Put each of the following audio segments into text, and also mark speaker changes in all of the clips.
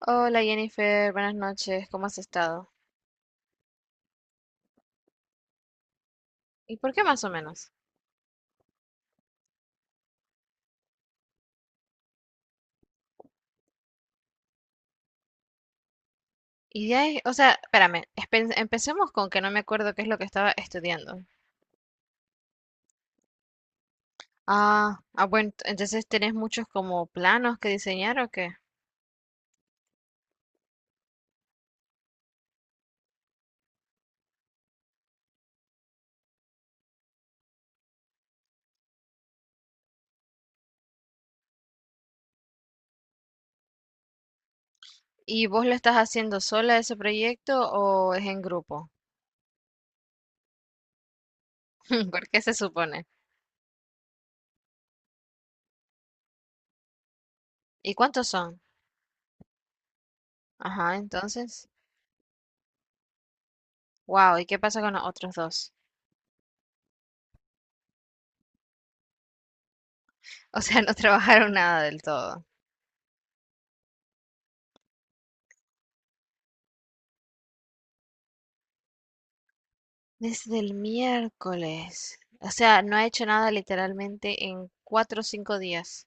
Speaker 1: Hola Jennifer, buenas noches, ¿cómo has estado? ¿Y por qué más o menos? Ideas, o sea, espérame, empecemos con que no me acuerdo qué es lo que estaba estudiando. Ah, ah, bueno, entonces tenés muchos como planos que diseñar ¿o qué? ¿Y vos lo estás haciendo sola ese proyecto o es en grupo? ¿Por qué se supone? ¿Y cuántos son? Ajá, entonces, wow, ¿y qué pasa con los otros dos? O sea, no trabajaron nada del todo. Desde el miércoles. O sea, no ha hecho nada literalmente en 4 o 5 días.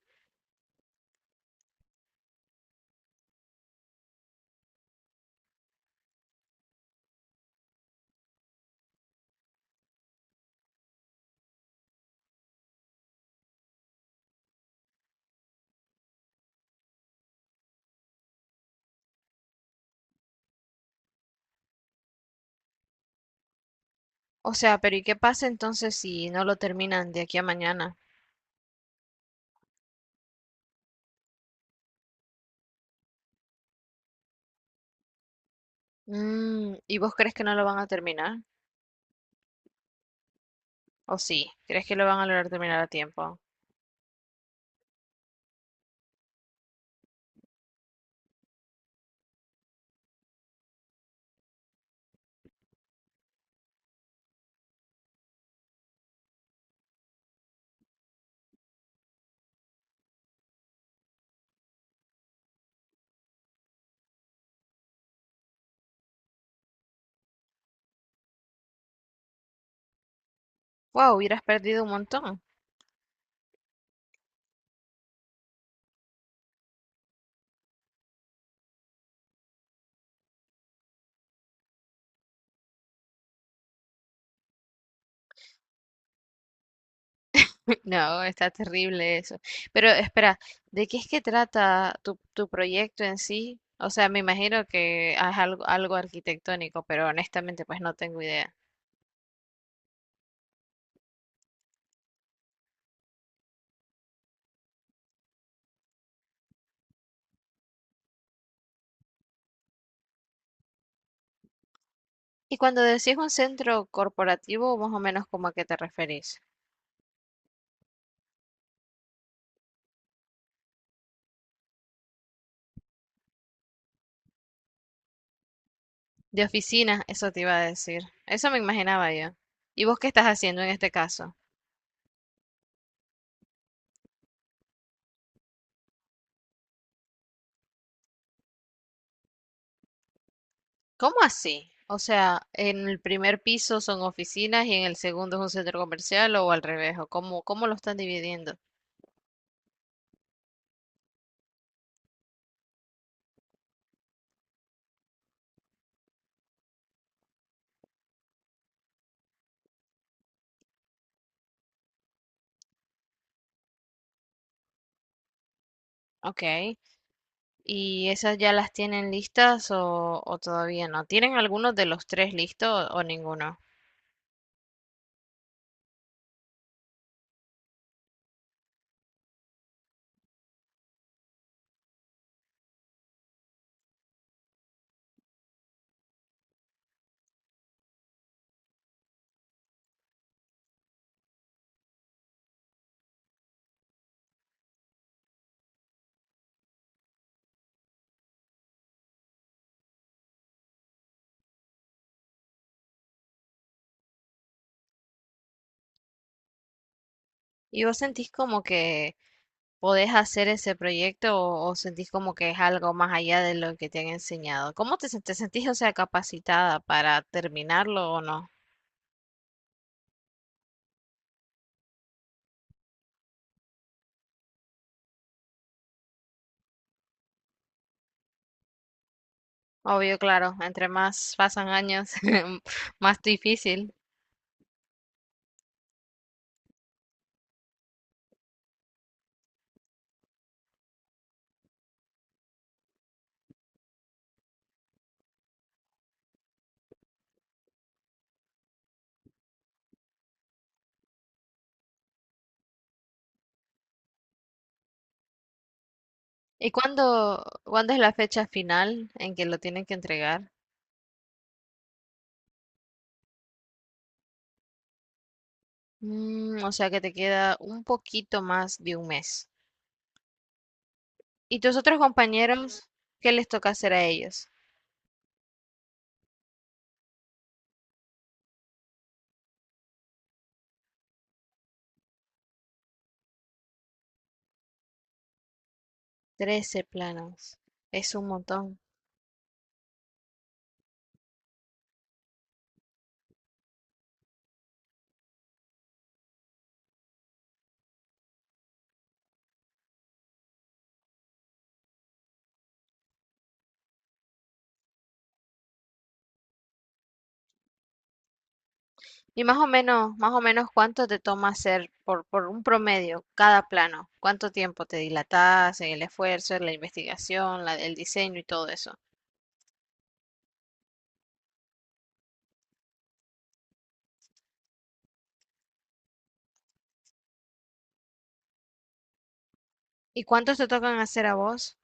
Speaker 1: O sea, pero ¿y qué pasa entonces si no lo terminan de aquí a mañana? Mm, ¿y vos crees que no lo van a terminar? ¿O sí? ¿Crees que lo van a lograr terminar a tiempo? Wow, hubieras perdido un montón. No, está terrible eso. Pero espera, ¿de qué es que trata tu proyecto en sí? O sea, me imagino que es algo, algo arquitectónico, pero honestamente pues no tengo idea. Y cuando decís un centro corporativo, más o menos como a qué te referís. De oficina, eso te iba a decir. Eso me imaginaba yo. ¿Y vos qué estás haciendo en este caso? ¿Cómo así? O sea, ¿en el primer piso son oficinas y en el segundo es un centro comercial o al revés, o cómo lo están dividiendo? Ok. ¿Y esas ya las tienen listas o todavía no? ¿Tienen algunos de los tres listos o ninguno? ¿Y vos sentís como que podés hacer ese proyecto o sentís como que es algo más allá de lo que te han enseñado? ¿Cómo te sentís, o sea, capacitada para terminarlo o no? Obvio, claro, entre más pasan años, más difícil. ¿Y cuándo es la fecha final en que lo tienen que entregar? Mm, o sea que te queda un poquito más de un mes. ¿Y tus otros compañeros, qué les toca hacer a ellos? 13 planos. Es un montón. Y más o menos cuánto te toma hacer por un promedio cada plano, cuánto tiempo te dilatas en el esfuerzo, en la investigación, el diseño y todo eso. ¿Y cuántos te tocan hacer a vos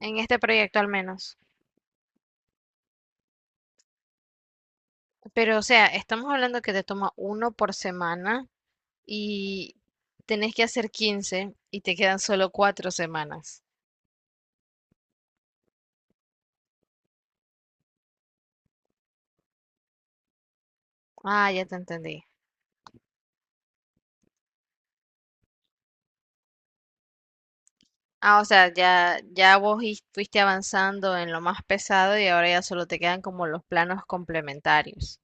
Speaker 1: en este proyecto al menos? Pero o sea, estamos hablando que te toma uno por semana y tenés que hacer 15 y te quedan solo 4 semanas. Ah, ya te entendí. Ah, o sea, ya vos fuiste avanzando en lo más pesado y ahora ya solo te quedan como los planos complementarios.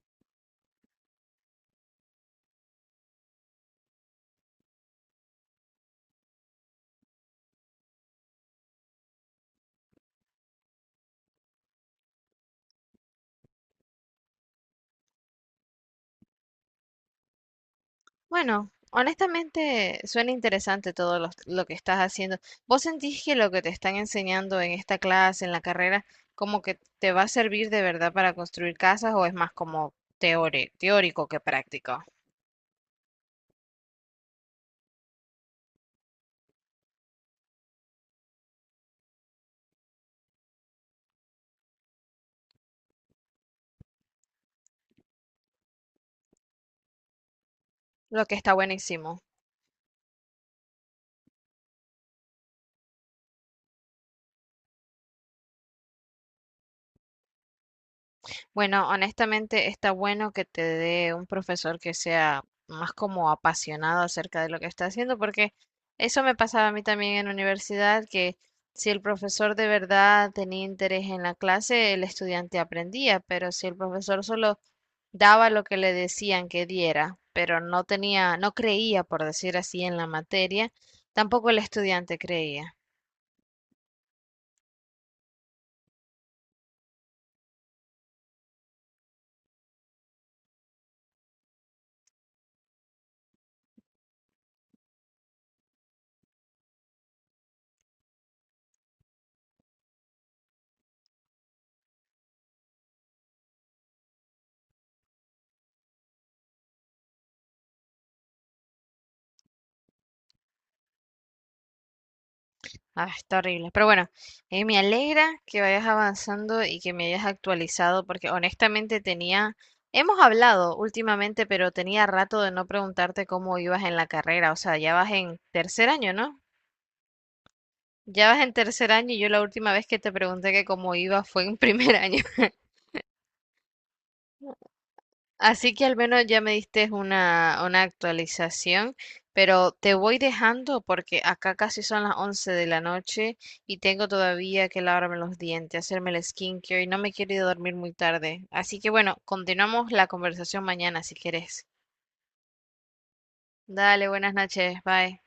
Speaker 1: Bueno, honestamente suena interesante todo lo que estás haciendo. ¿Vos sentís que lo que te están enseñando en esta clase, en la carrera, como que te va a servir de verdad para construir casas o es más como teórico que práctico? Lo que está buenísimo. Bueno, honestamente está bueno que te dé un profesor que sea más como apasionado acerca de lo que está haciendo, porque eso me pasaba a mí también en la universidad, que si el profesor de verdad tenía interés en la clase, el estudiante aprendía, pero si el profesor solo daba lo que le decían que diera, pero no tenía, no creía, por decir así, en la materia, tampoco el estudiante creía. Ah, está horrible. Pero bueno, me alegra que vayas avanzando y que me hayas actualizado, porque honestamente hemos hablado últimamente, pero tenía rato de no preguntarte cómo ibas en la carrera. O sea, ya vas en tercer año, ¿no? Ya vas en tercer año y yo la última vez que te pregunté que cómo iba fue en primer año. Así que al menos ya me diste una actualización, pero te voy dejando porque acá casi son las 11 de la noche y tengo todavía que lavarme los dientes, hacerme el skincare y no me quiero ir a dormir muy tarde. Así que bueno, continuamos la conversación mañana si quieres. Dale, buenas noches, bye.